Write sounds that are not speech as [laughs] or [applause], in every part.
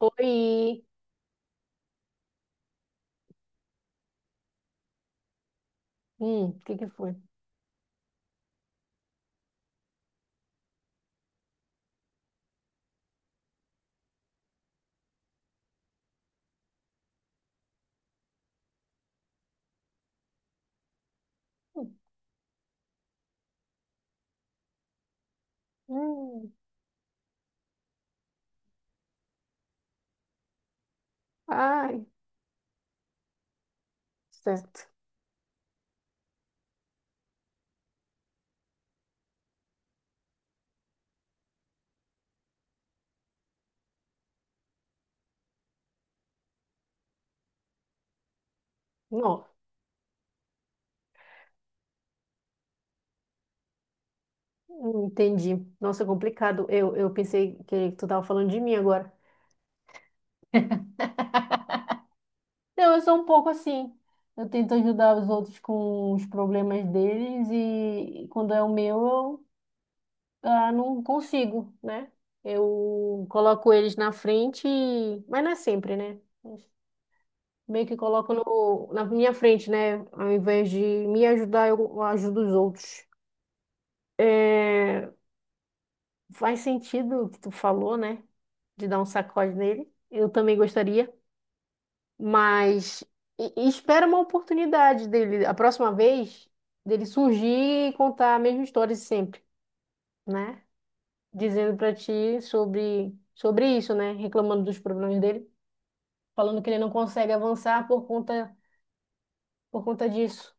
Oi! O que que foi? Hum, hum. Ai, certo. Não, Entendi. Nossa, é complicado. Eu pensei que tu tava falando de mim agora. Não, eu sou um pouco assim. Eu tento ajudar os outros com os problemas deles e quando é o meu, eu não consigo, né? Eu coloco eles na frente, mas não é sempre, né? Mas meio que coloco no, na minha frente, né? Ao invés de me ajudar, eu ajudo os outros. É, faz sentido o que tu falou, né? De dar um sacode nele. Eu também gostaria, mas e espera uma oportunidade dele, a próxima vez, dele surgir e contar a mesma história de sempre, né? Dizendo pra ti sobre isso, né? Reclamando dos problemas dele, falando que ele não consegue avançar por conta disso.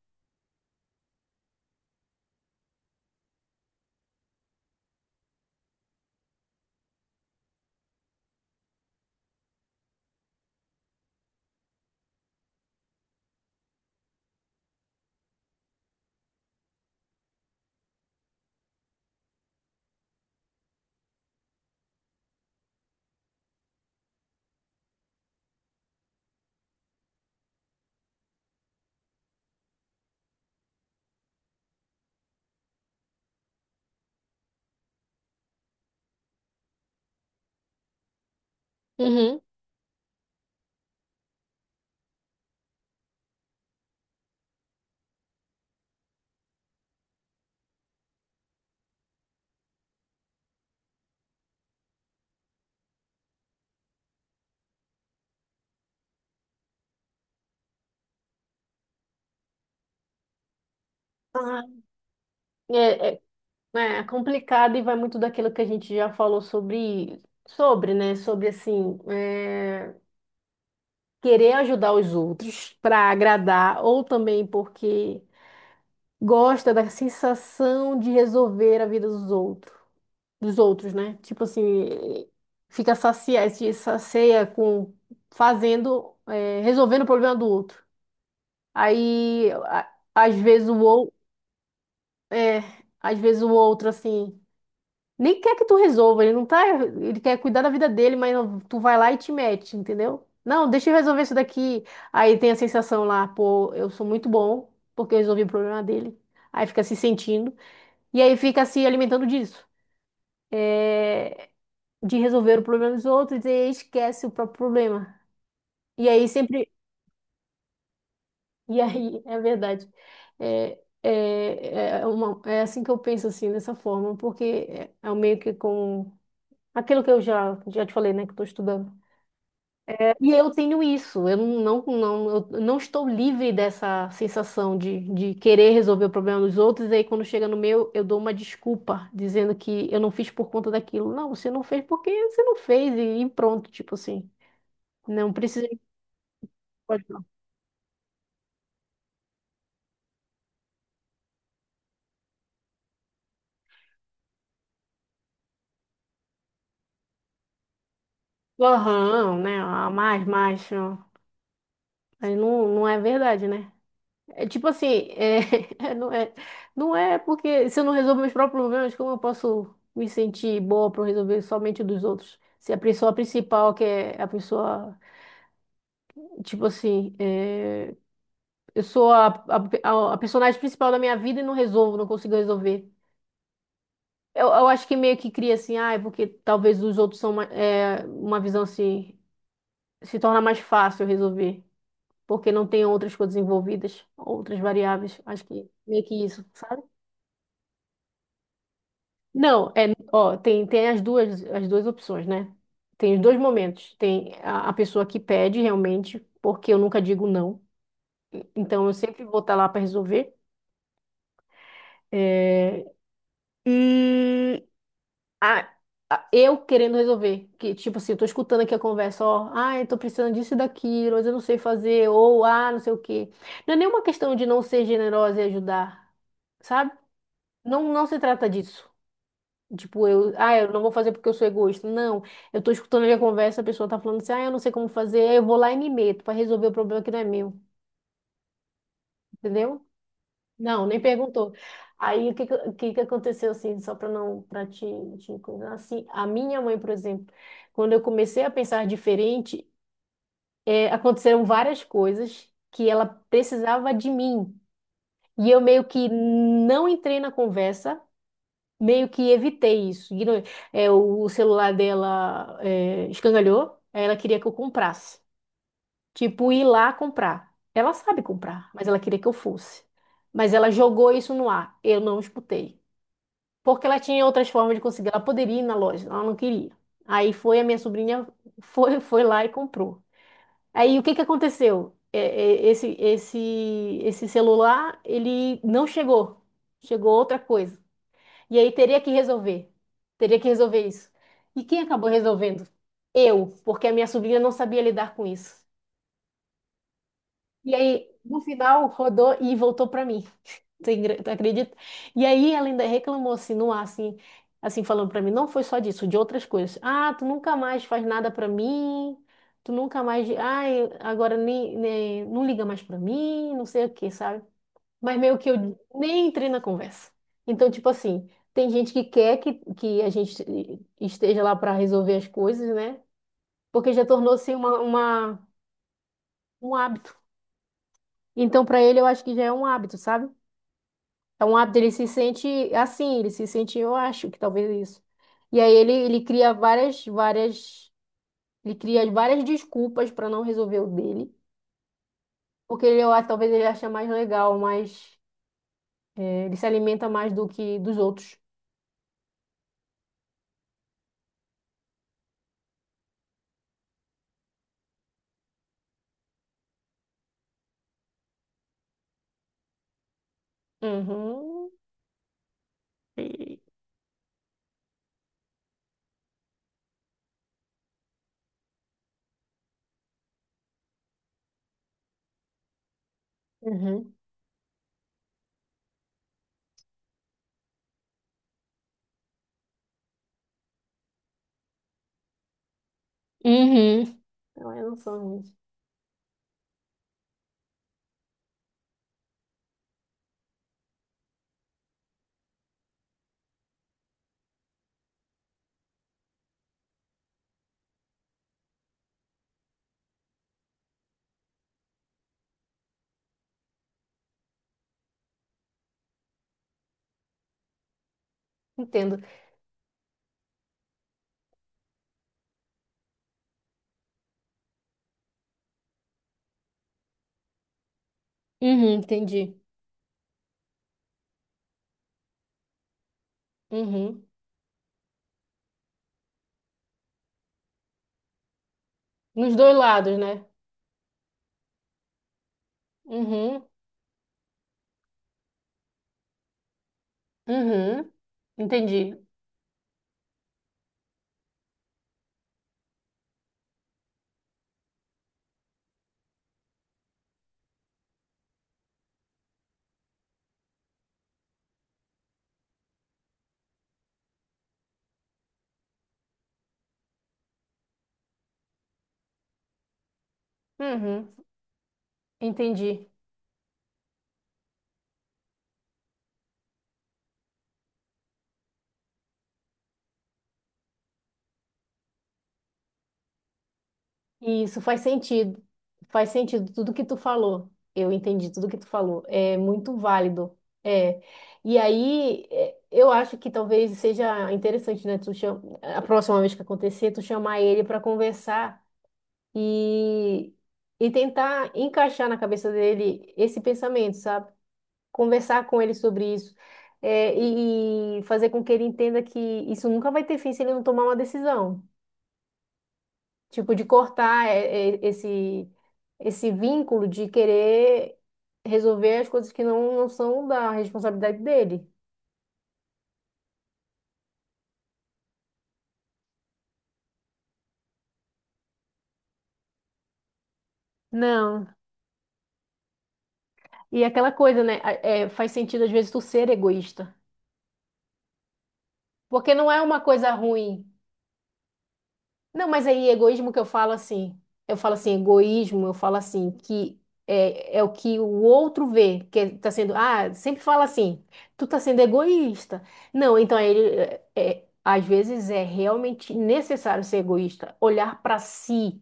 Uhum. Ah, é, é, né, É complicado e vai muito daquilo que a gente já falou sobre, né? Sobre assim, querer ajudar os outros para agradar, ou também porque gosta da sensação de resolver a vida dos outros, né? Tipo assim, fica saciado, se sacia com fazendo, resolvendo o problema do outro. Aí, às vezes o outro, é, às vezes o outro assim. Nem quer que tu resolva, ele não tá. Ele quer cuidar da vida dele, mas tu vai lá e te mete, entendeu? Não, deixa eu resolver isso daqui. Aí tem a sensação lá, pô, eu sou muito bom, porque eu resolvi o problema dele. Aí fica se sentindo. E aí fica se alimentando disso, de resolver o problema dos outros e esquece o próprio problema. E aí sempre. E aí, [laughs] é verdade. É assim que eu penso, assim, dessa forma, porque é meio que com. Aquilo que eu já te falei, né, que eu tô estudando. E eu tenho isso, eu não estou livre dessa sensação de querer resolver o problema dos outros, e aí quando chega no meu, eu dou uma desculpa, dizendo que eu não fiz por conta daquilo. Não, você não fez porque você não fez, e pronto, tipo assim. Não precisa de. Aham, né? Mais, mais. Ó. Aí não, não é verdade, né? É tipo assim, é, [laughs] não é, não é porque se eu não resolver meus próprios problemas, como eu posso me sentir boa para resolver somente os dos outros? Se a pessoa principal, que é a pessoa, tipo assim, eu sou a personagem principal da minha vida e não resolvo, não consigo resolver. Eu acho que meio que cria assim, ah, é porque talvez os outros são uma uma visão assim, se torna mais fácil resolver, porque não tem outras coisas envolvidas, outras variáveis. Acho que meio que isso, sabe? Não, é, Ó, tem as duas opções, né? Tem os dois momentos. Tem a pessoa que pede realmente, porque eu nunca digo não. Então eu sempre vou estar lá para resolver. É, e a- eu querendo resolver. Que, tipo assim, eu tô escutando aqui a conversa, ó, ah, eu tô precisando disso e daquilo, mas eu não sei fazer, ou ah, não sei o quê. Não é nenhuma questão de não ser generosa e ajudar, sabe? Não, não se trata disso. Tipo, ah, eu não vou fazer porque eu sou egoísta. Não, eu tô escutando ali a conversa, a pessoa tá falando assim, ah, eu não sei como fazer, aí eu vou lá e me meto pra resolver o problema que não é meu, entendeu? Não, nem perguntou. Aí o que que aconteceu assim, só para não para te coisar, assim, a minha mãe, por exemplo, quando eu comecei a pensar diferente, aconteceram várias coisas que ela precisava de mim. E eu meio que não entrei na conversa, meio que evitei isso. É, o celular dela escangalhou, aí ela queria que eu comprasse. Tipo, ir lá comprar. Ela sabe comprar, mas ela queria que eu fosse. Mas ela jogou isso no ar. Eu não escutei. Porque ela tinha outras formas de conseguir. Ela poderia ir na loja, ela não queria. Aí foi a minha sobrinha, [laughs] foi lá e comprou. Aí o que que aconteceu? Esse celular, ele não chegou. Chegou outra coisa. E aí teria que resolver. Teria que resolver isso. E quem acabou resolvendo? Eu, porque a minha sobrinha não sabia lidar com isso. E aí, no final, rodou e voltou para mim. [laughs] Tu acredita? E aí ela ainda reclamou assim, no ar, assim, assim falando para mim, não foi só disso, de outras coisas. Ah, tu nunca mais faz nada para mim. Tu nunca mais, ai, agora não liga mais para mim, não sei o que, sabe? Mas meio que eu nem entrei na conversa. Então, tipo assim, tem gente que quer que a gente esteja lá para resolver as coisas, né? Porque já tornou-se um hábito. Então, para ele, eu acho que já é um hábito, sabe? É um hábito, ele se sente assim, ele se sente, eu acho que talvez é isso. E aí ele cria ele cria várias desculpas para não resolver o dele, porque ele, eu acho, talvez ele acha mais legal, mais, ele se alimenta mais do que dos outros. Uhum. Uhum. Uhum. Não, eu não sou muito. Entendo. Uhum, entendi. Uhum. Nos dois lados, né? Uhum, uhum. Entendi. Uhum, entendi. Isso faz sentido. Faz sentido tudo que tu falou. Eu entendi tudo que tu falou. É muito válido. É. E aí, eu acho que talvez seja interessante, né? Tu cham... A próxima vez que acontecer, tu chamar ele para conversar, e, e tentar encaixar na cabeça dele esse pensamento, sabe? Conversar com ele sobre isso, e fazer com que ele entenda que isso nunca vai ter fim se ele não tomar uma decisão, tipo, de cortar é, esse, esse vínculo de querer resolver as coisas que não, não são da responsabilidade dele. Não. E aquela coisa, né? É, faz sentido às vezes tu ser egoísta. Porque não é uma coisa ruim. Não, mas aí egoísmo que eu falo assim, egoísmo, eu falo assim, que é o que o outro vê, tá sendo, ah, sempre fala assim, tu tá sendo egoísta. Não, então aí ele, às vezes é realmente necessário ser egoísta, olhar para si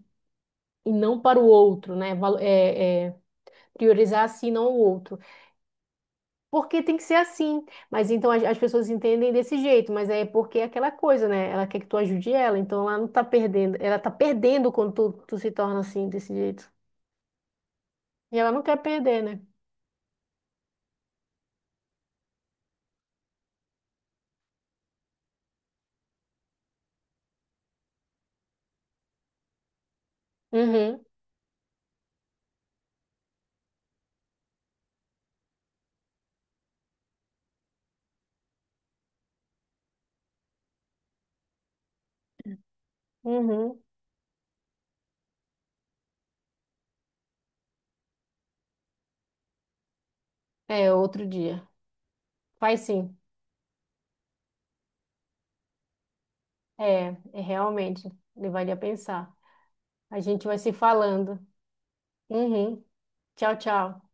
e não para o outro, né? Priorizar a si, não o outro. Porque tem que ser assim. Mas então as pessoas entendem desse jeito, mas é porque é aquela coisa, né? Ela quer que tu ajude ela, então ela não tá perdendo. Ela tá perdendo quando tu se torna assim, desse jeito. E ela não quer perder, né? Uhum, uhum. É, outro dia. Faz sim. É, é realmente. Levaria a pensar. A gente vai se falando. Uhum. Tchau, tchau.